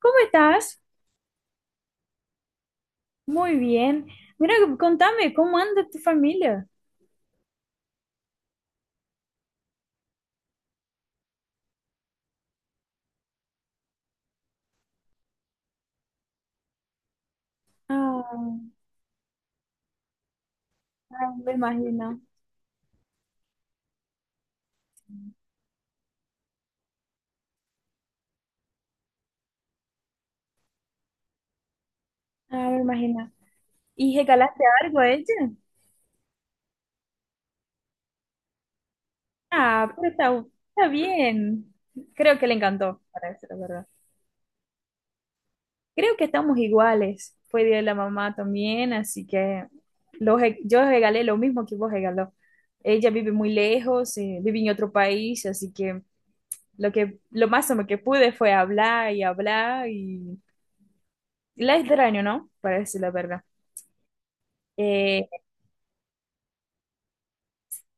¿Cómo estás? Muy bien. Mira, contame, ¿cómo anda tu familia? Ah, ah, me imagino, ah, me imagino. ¿Y regalaste algo a ella? Ah, pero está bien. Creo que le encantó, para decir la verdad. Creo que estamos iguales. Fue día de la mamá también, así que yo regalé lo mismo que vos regaló. Ella vive muy lejos, vive en otro país, así que lo máximo que pude fue hablar y hablar. La es del año, ¿no? Para decir la verdad. Eh,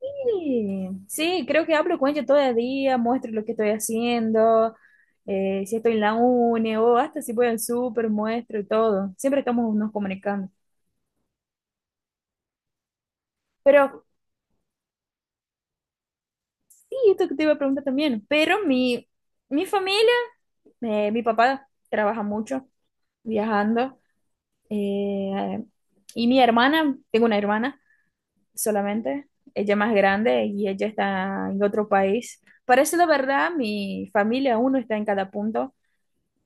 sí, sí, creo que hablo con ella todo el día, muestro lo que estoy haciendo, si estoy en la uni o hasta si voy al súper, muestro y todo. Siempre estamos nos comunicando. Pero, sí, esto que te iba a preguntar también, pero mi familia, mi papá trabaja mucho viajando, eh, y mi hermana, tengo una hermana solamente. Ella más grande y ella está en otro país. Parece la verdad, mi familia, uno está en cada punto.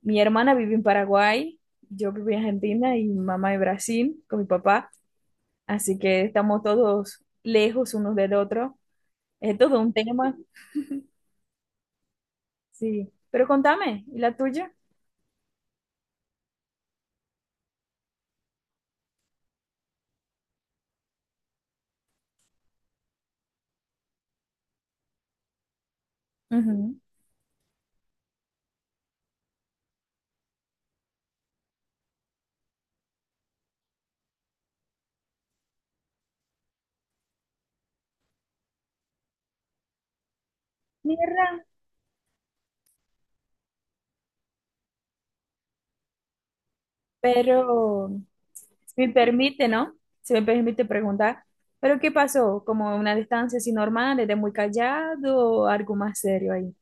Mi hermana vive en Paraguay, yo vivo en Argentina y mi mamá en Brasil con mi papá. Así que estamos todos lejos unos del otro. Es todo un tema, sí. Pero contame, ¿y la tuya? Ujú. Mierda, pero si me permite, ¿no? Se me permite preguntar, ¿pero qué pasó? ¿Como una distancia así normal, era muy callado o algo más serio ahí?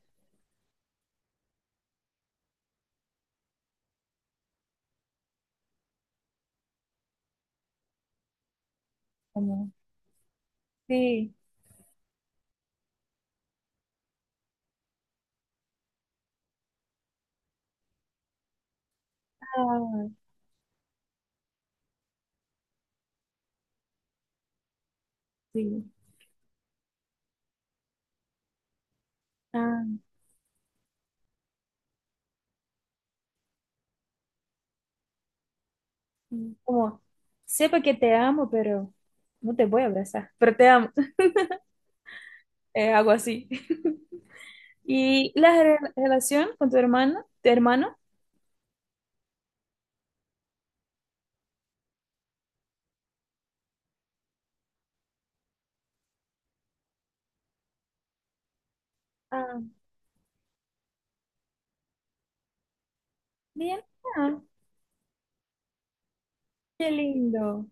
Como, sí, ah, sí, ah, sí. Como, sepa que te amo, pero no te voy a abrazar, pero te amo. Algo así. ¿Y relación con tu hermano, tu hermano? Ah, bien, ah, qué lindo.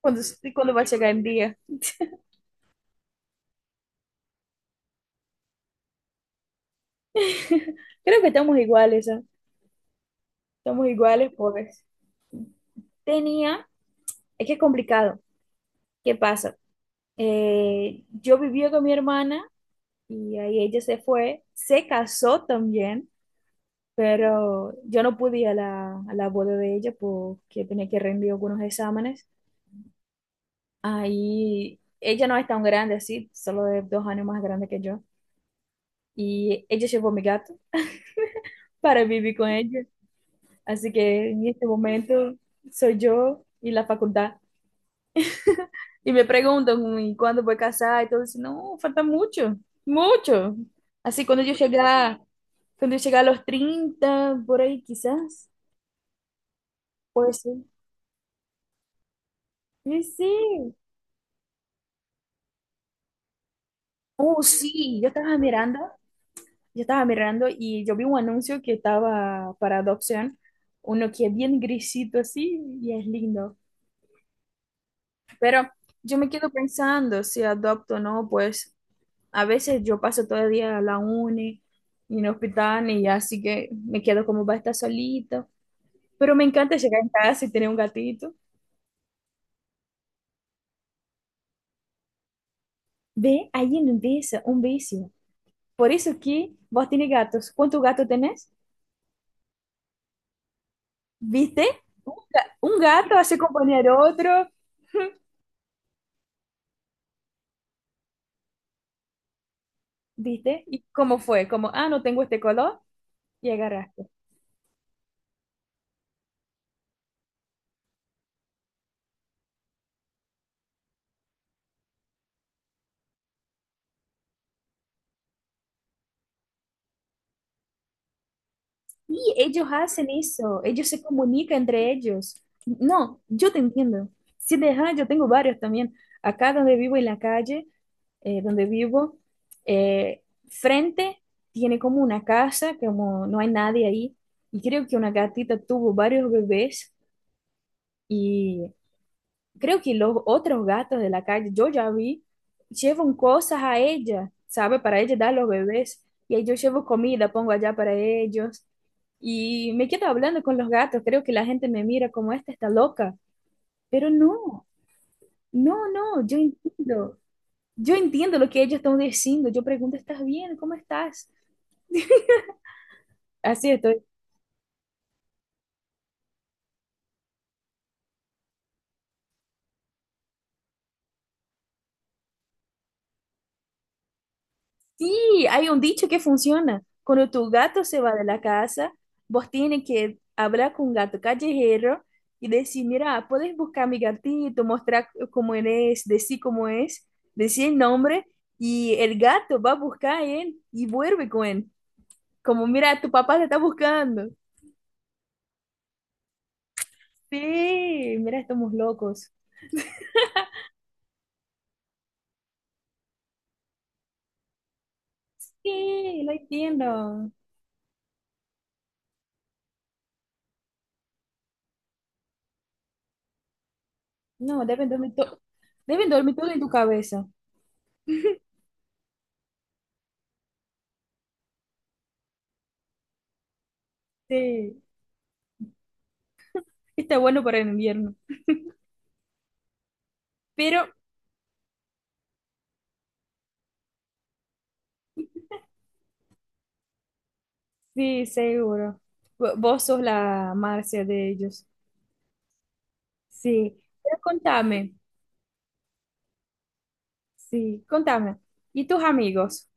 ¿Cuándo, cuándo va a llegar el día? Creo que estamos iguales, ¿eh? Estamos iguales, pobres. Tenía, es que es complicado. ¿Qué pasa? Yo vivía con mi hermana y ahí ella se fue, se casó también, pero yo no pude ir a la boda de ella porque tenía que rendir algunos exámenes. Ahí ella no es tan grande así, solo es 2 años más grande que yo. Y ella llevó a mi gato para vivir con ella. Así que en este momento soy yo y la facultad. Y me preguntan, ¿y cuándo voy a casar? Y todo eso, no, falta mucho, mucho. Así, cuando yo llegar a los 30 por ahí quizás, puede ser. Sí, sí. Oh, sí, yo estaba mirando y yo vi un anuncio que estaba para adopción, uno que es bien grisito así y es lindo. Pero yo me quedo pensando si adopto o no, pues a veces yo paso todo el día a la uni y en el hospital y así que me quedo como va a estar solita. Pero me encanta llegar en casa y tener un gatito. Ve, ahí empieza un vicio. Por eso que vos tenés gatos. ¿Cuántos gatos tenés? ¿Viste? Un gato hace compañía al otro, ¿viste? ¿Y cómo fue? Como, ah, no tengo este color y agarraste. Sí, ellos hacen eso, ellos se comunican entre ellos. No, yo te entiendo. Si deja, yo tengo varios también. Acá donde vivo en la calle, donde vivo, eh, frente tiene como una casa, como no hay nadie ahí, y creo que una gatita tuvo varios bebés. Creo que los otros gatos de la calle, yo ya vi, llevan cosas a ella, ¿sabe? Para ella dar a los bebés. Y ahí yo llevo comida, pongo allá para ellos. Y me quedo hablando con los gatos. Creo que la gente me mira como esta está loca. Pero no, no, no, yo entiendo. Yo entiendo lo que ellos están diciendo. Yo pregunto, ¿estás bien? ¿Cómo estás? Así estoy. Sí, hay un dicho que funciona. Cuando tu gato se va de la casa, vos tienes que hablar con un gato callejero y decir, mira, puedes buscar a mi gatito, mostrar cómo él es, decir cómo es, decir el nombre y el gato va a buscar a él y vuelve con él. Como, mira, tu papá te está buscando. Sí, mira, estamos locos. Sí, lo entiendo. No, deben dormir, deben dormir todo en tu cabeza. Sí, está bueno para el invierno. Pero sí, seguro. Vos sos la Marcia de ellos. Sí. Pero contame, sí, contame. ¿Y tus amigos?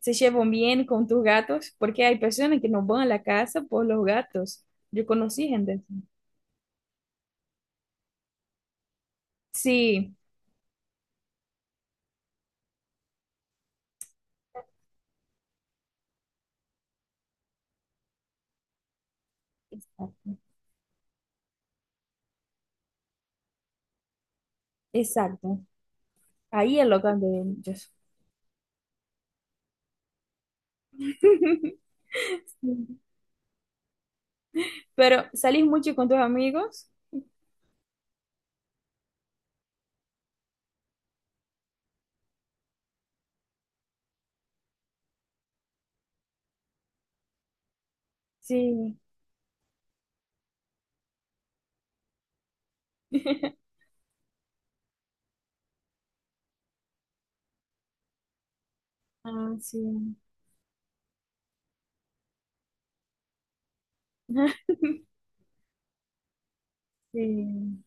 ¿Se llevan bien con tus gatos? Porque hay personas que no van a la casa por los gatos. Yo conocí gente así. Sí, exacto. Exacto. Ahí es lo que de ellos. Sí. Pero, ¿salís mucho con tus amigos? Sí. Ah, sí. Sí.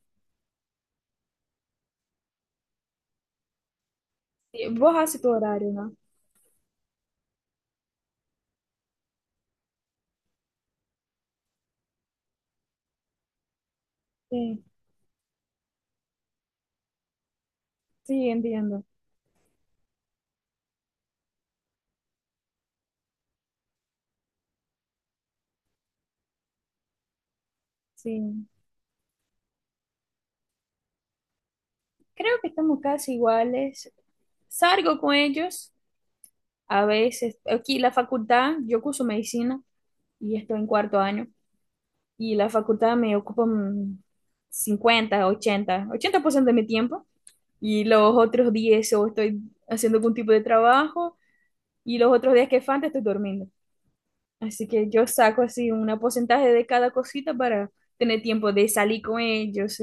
Sí, vos haces tu horario, ¿no? Sí. Sí, entiendo. Sí. Creo que estamos casi iguales. Salgo con ellos a veces. Aquí la facultad, yo curso medicina y estoy en cuarto año. Y la facultad me ocupa 50, ochenta por ciento de mi tiempo. Y los otros días o estoy haciendo algún tipo de trabajo. Y los otros días que falta estoy durmiendo. Así que yo saco así un porcentaje de cada cosita para tener tiempo de salir con ellos,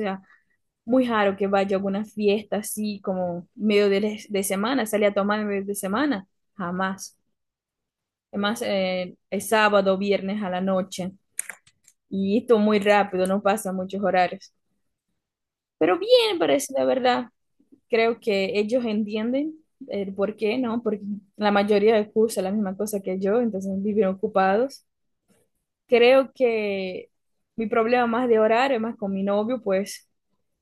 muy raro que vaya a alguna fiesta así como medio de semana, salir a tomar en medio de semana, jamás. Además, es sábado o viernes a la noche y esto muy rápido, no pasa muchos horarios. Pero bien, parece, la verdad. Creo que ellos entienden el por qué, ¿no? Porque la mayoría cursa la misma cosa que yo, entonces viven ocupados. Creo que mi problema más de horario, más con mi novio, pues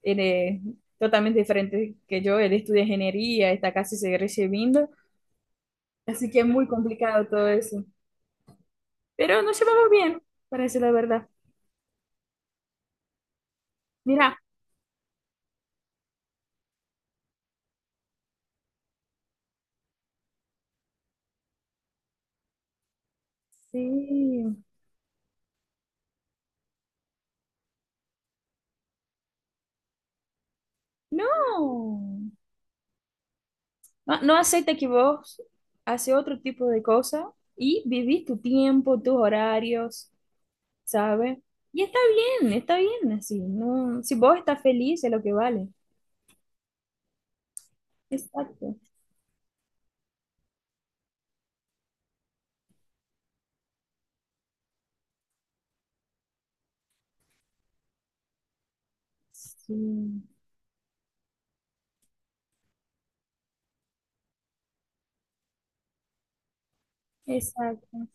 él es totalmente diferente que yo. Él estudia ingeniería, está casi se recibiendo, así que es muy complicado todo eso. Pero nos llevamos bien, para decir la verdad. Mira, sí, no, no, no acepta que vos haces otro tipo de cosas y vivís tu tiempo, tus horarios, ¿sabes? Y está bien así, ¿no? Si vos estás feliz es lo que vale. Exacto. Sí, exacto.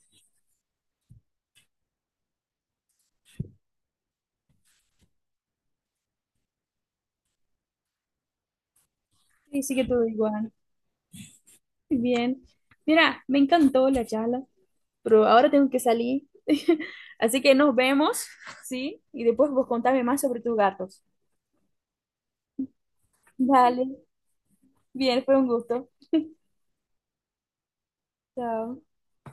Sí, sí que todo igual. Muy bien. Mira, me encantó la charla, pero ahora tengo que salir. Así que nos vemos, ¿sí? Y después vos contame más sobre tus gatos. Vale. Bien, fue un gusto. Chao.